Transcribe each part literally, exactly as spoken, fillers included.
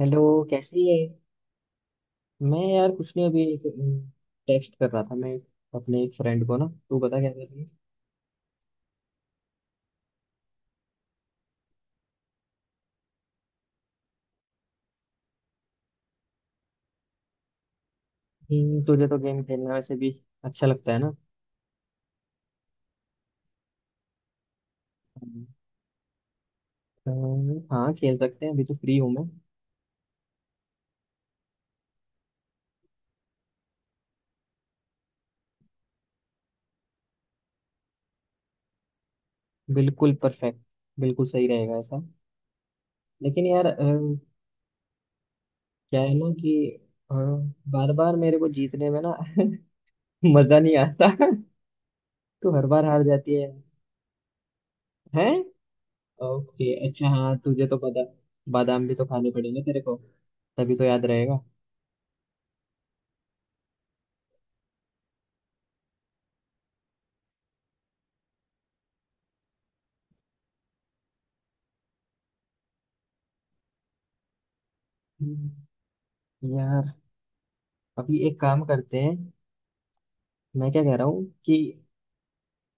Hello. कैसी है? मैं यार कुछ नहीं, अभी एक टेक्स्ट कर रहा था मैं अपने एक फ्रेंड को। ना तू बता क्या कर रही है? हम्म, तुझे तो गेम खेलना वैसे भी अच्छा लगता है ना। हम्म। तो हाँ, खेल सकते हैं, अभी तो फ्री हूँ मैं। बिल्कुल परफेक्ट। बिल्कुल सही रहेगा ऐसा। लेकिन यार अ, क्या है ना कि बार बार मेरे को जीतने में ना मजा नहीं आता। तू हर बार हार जाती है। हैं? ओके, अच्छा, हाँ तुझे तो पता। बादाम भी तो खाने पड़ेंगे तेरे को, तभी तो याद रहेगा। हम्म, यार अभी एक काम करते हैं। मैं क्या कह रहा हूँ कि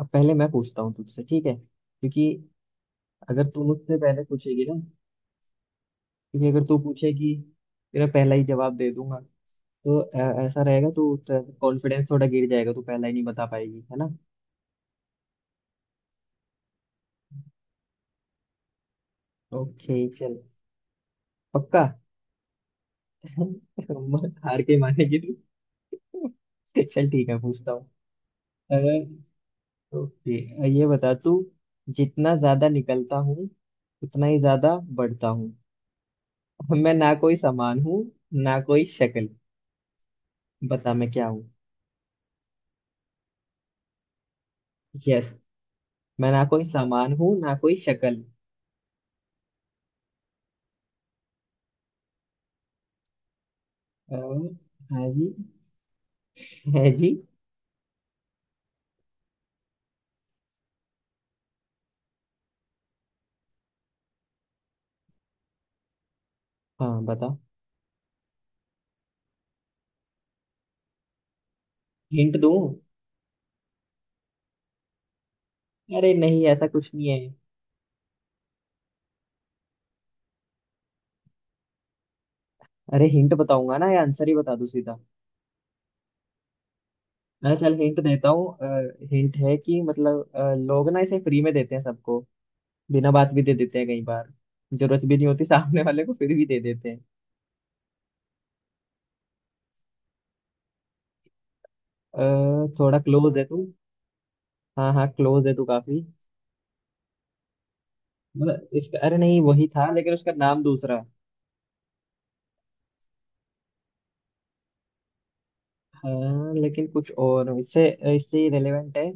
अब पहले मैं पूछता हूँ तुझसे, ठीक है? क्योंकि अगर तू मुझसे पहले पूछेगी ना, क्योंकि अगर तू पूछेगी, तेरा पहला ही जवाब दे दूंगा तो अ, ऐसा रहेगा तो कॉन्फिडेंस थोड़ा गिर जाएगा। तू पहला ही नहीं बता पाएगी, है ना। ओके चल। पक्का। हार के मानेगी तू। चल ठीक है, पूछता हूँ। अगर ओके, ये बता तू, जितना ज्यादा निकलता हूँ उतना ही ज्यादा बढ़ता हूँ, मैं ना कोई सामान हूँ ना कोई शक्ल, बता मैं क्या हूँ। यस। मैं ना कोई सामान हूँ ना कोई शक्ल। अ, हाँ जी। है जी। हाँ बताओ। हिंट दूँ? अरे नहीं, ऐसा कुछ नहीं है। अरे हिंट बताऊंगा ना या आंसर ही बता दूँ सीधा? अरे चल, हिंट देता हूँ। हिंट है कि मतलब अ, लोग ना इसे फ्री में देते हैं सबको, बिना बात भी दे देते हैं कई बार, जरूरत भी नहीं होती सामने वाले को फिर भी दे देते हैं। अ, थोड़ा क्लोज है तू। हाँ हाँ, क्लोज है तू काफी। मतलब इसका, अरे नहीं वही था लेकिन उसका नाम दूसरा। हाँ लेकिन कुछ और इससे, इससे रिलेवेंट है।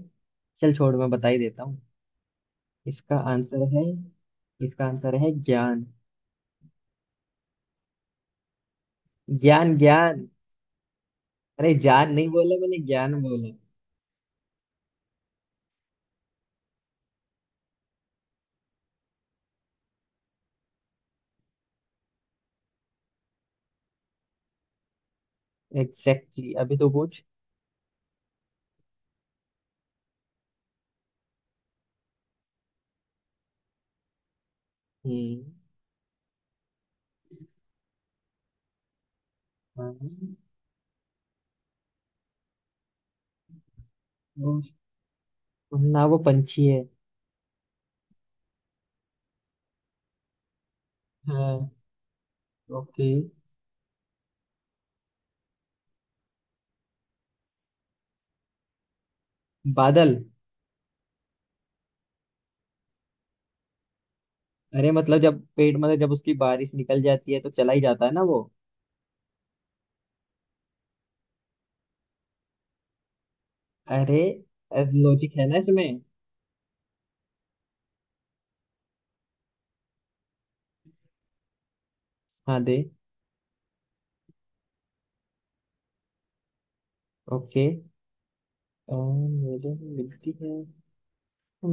चल छोड़, मैं बता ही देता हूँ। इसका आंसर है इसका आंसर है ज्ञान। ज्ञान ज्ञान। अरे ज्ञान नहीं बोला मैंने, ज्ञान बोला। Exactly exactly। अभी तो पूछ। हम्म। हाँ। वो- ना वो पंछी है। हाँ। ओके। बादल। अरे मतलब जब पेड़ मतलब जब उसकी बारिश निकल जाती है तो चला ही जाता है ना वो। अरे लॉजिक है ना इसमें। हाँ दे। ओके। अ, मेले में मिलती है? तो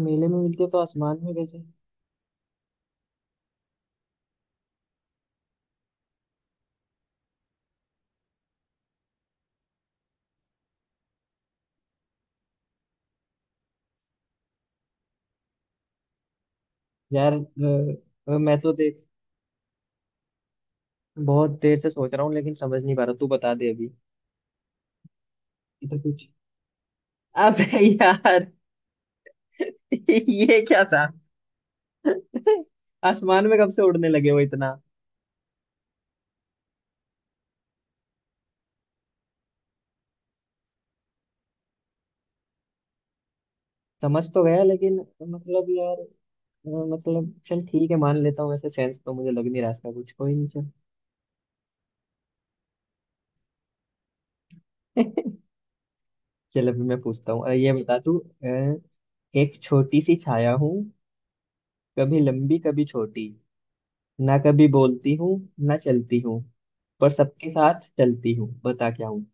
मेले में मिलती है तो आसमान में कैसे? यार अ, अ, मैं तो देख बहुत देर से सोच रहा हूँ लेकिन समझ नहीं पा रहा, तू बता दे अभी। इसे कुछ। अबे यार। ये क्या था? आसमान में कब से उड़ने लगे हो इतना? समझ तो गया लेकिन मतलब यार अ, मतलब चल ठीक है, मान लेता हूँ। वैसे सेंस तो मुझे लग नहीं रहा इसका कुछ। कोई नहीं, चल। चल अभी मैं पूछता हूँ। अ, ये बता तू। अ, एक छोटी सी छाया हूँ, कभी लंबी कभी छोटी, ना कभी बोलती हूँ ना चलती हूँ, पर सबके साथ चलती हूँ, बता क्या हूँ।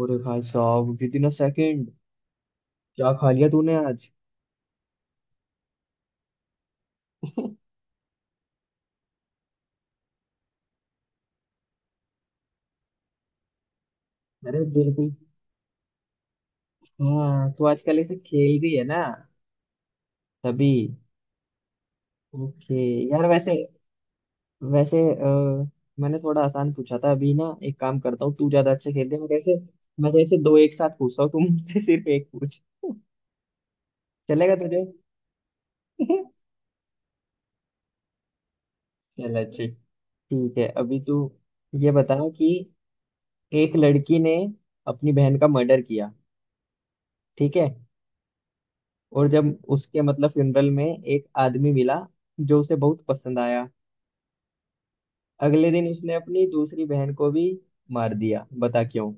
और भाई साहब विदिन अ सेकेंड। क्या खा लिया तूने आज? अरे बिल्कुल। हाँ तू आजकल ऐसे खेल रही है ना। तभी। ओके। यार वैसे। वैसे अ, मैंने थोड़ा आसान पूछा था अभी ना। एक काम करता हूँ, तू ज्यादा अच्छा खेल रही है, मैं जैसे मैं जैसे दो एक साथ पूछ रहा हूँ तू मुझसे, सिर्फ एक पूछ। चलेगा तुझे? चलो ठीक। ठीक है अभी तू ये बता कि एक लड़की ने अपनी बहन का मर्डर किया, ठीक है। और जब उसके मतलब फ्यूनरल में एक आदमी मिला जो उसे बहुत पसंद आया। अगले दिन उसने अपनी दूसरी बहन को भी मार दिया, बता क्यों।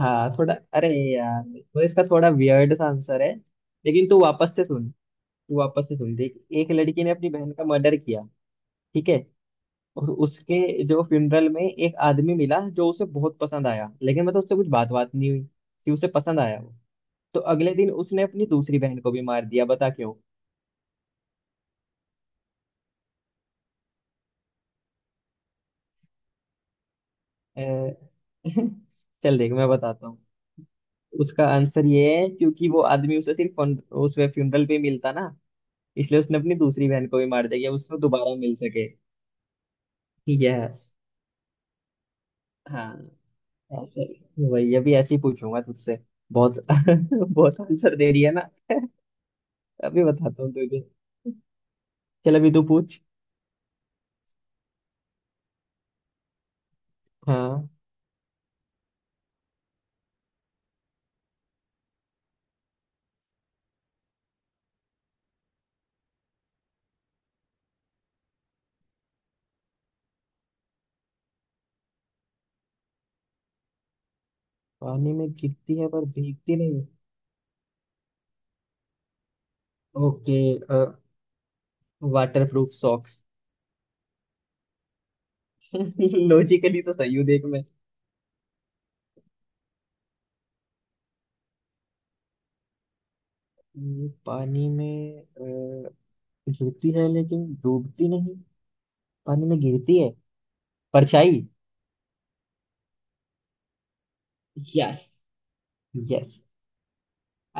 हाँ थोड़ा। अरे यार, तो इसका थोड़ा वियर्ड सा आंसर है लेकिन तू वापस से सुन। तू वापस से सुन, देख। एक लड़की ने अपनी बहन का मर्डर किया, ठीक है। और उसके जो फ्यूनरल में एक आदमी मिला जो उसे बहुत पसंद आया लेकिन मतलब उससे कुछ बात बात नहीं हुई कि उसे पसंद आया वो। तो अगले दिन उसने अपनी दूसरी बहन को भी मार दिया, बता क्यों। अ, चल देख मैं बताता हूँ। उसका आंसर ये है क्योंकि वो आदमी उसे सिर्फ फन- उस फ्यूनरल पे मिलता ना, इसलिए उसने अपनी दूसरी बहन को भी मार दिया कि उसको दोबारा मिल सके। यस। हाँ। ऐसे ही। वही अभी ऐसे ही पूछूंगा तुझसे। बहुत बहुत आंसर दे रही है ना। अभी बताता हूँ तुझे। चल अभी तू पूछ। हाँ। पानी में गिरती है पर भीगती नहीं है। Okay. Waterproof socks. Logically तो सही हूँ देख मैं। हम्म, पानी में अ, गिरती है लेकिन डूबती नहीं। पानी में गिरती है। परछाई। यस। यस।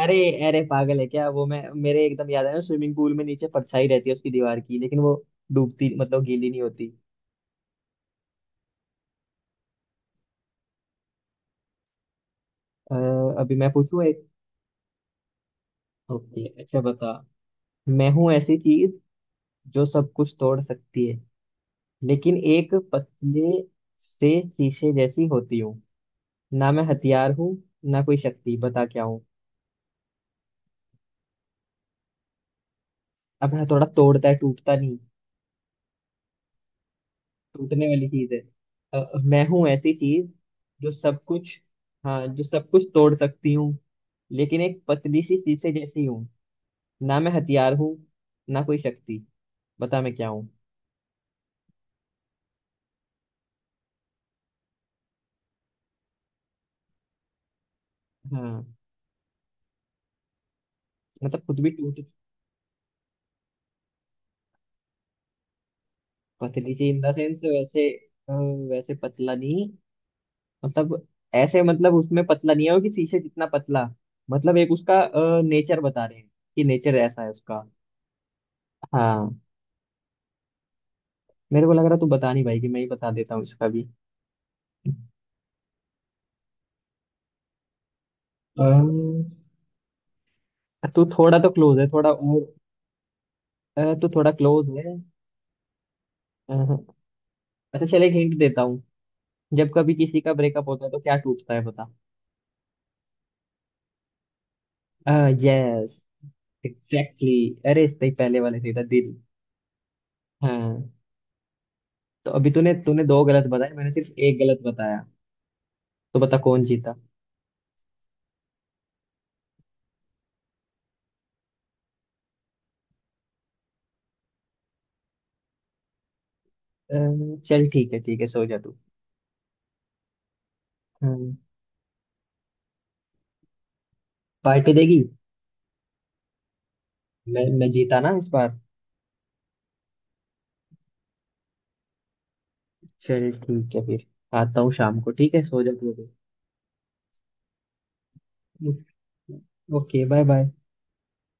अरे अरे पागल है क्या? वो मैं, मेरे एकदम याद आया, स्विमिंग पूल में नीचे परछाई रहती है उसकी दीवार की लेकिन वो डूबती, मतलब गीली नहीं होती। अ, अभी मैं पूछूं एक। ओके अच्छा बता। मैं हूँ ऐसी चीज जो सब कुछ तोड़ सकती है, लेकिन एक पतले से शीशे जैसी होती हूँ, ना मैं हथियार हूँ ना कोई शक्ति, बता क्या हूँ। अब मैं थोड़ा तोड़ता है टूटता नहीं। टूटने वाली चीज है। अ, मैं हूँ ऐसी चीज जो सब कुछ, हाँ जो सब कुछ तोड़ सकती हूँ, लेकिन एक पतली सी शीशे जैसी हूँ, ना मैं हथियार हूँ, ना कोई शक्ति, बता मैं क्या हूँ। हाँ। मतलब खुद भी टूट। पतली सी इन द सेंस वैसे। अ, वैसे पतला नहीं, मतलब ऐसे, मतलब उसमें पतला नहीं है वो कि शीशे जितना पतला। मतलब एक उसका नेचर बता रहे हैं, कि नेचर ऐसा है उसका। हाँ। मेरे को लग रहा तू बता नहीं भाई कि मैं ही बता देता हूँ इसका भी। अम, तू थोड़ा तो क्लोज है, थोड़ा और। अ, तू थोड़ा क्लोज है। अ, अच्छा चल एक हिंट देता हूँ। जब कभी किसी का ब्रेकअप होता है तो क्या टूटता है बता। यस। एग्जैक्टली। अरे इससे ही पहले वाले से था, दिल। हाँ। तो अभी तूने तूने दो गलत बताए, मैंने सिर्फ एक गलत बताया, तो बता कौन जीता। अम्म, चल ठीक है, ठीक है सो जा तू। हम्म, पार्टी देगी। मैं मैं जीता ना इस बार। चल ठीक है फिर, आता हूँ शाम को, ठीक है, सो जा तू। अभी। Okay bye bye.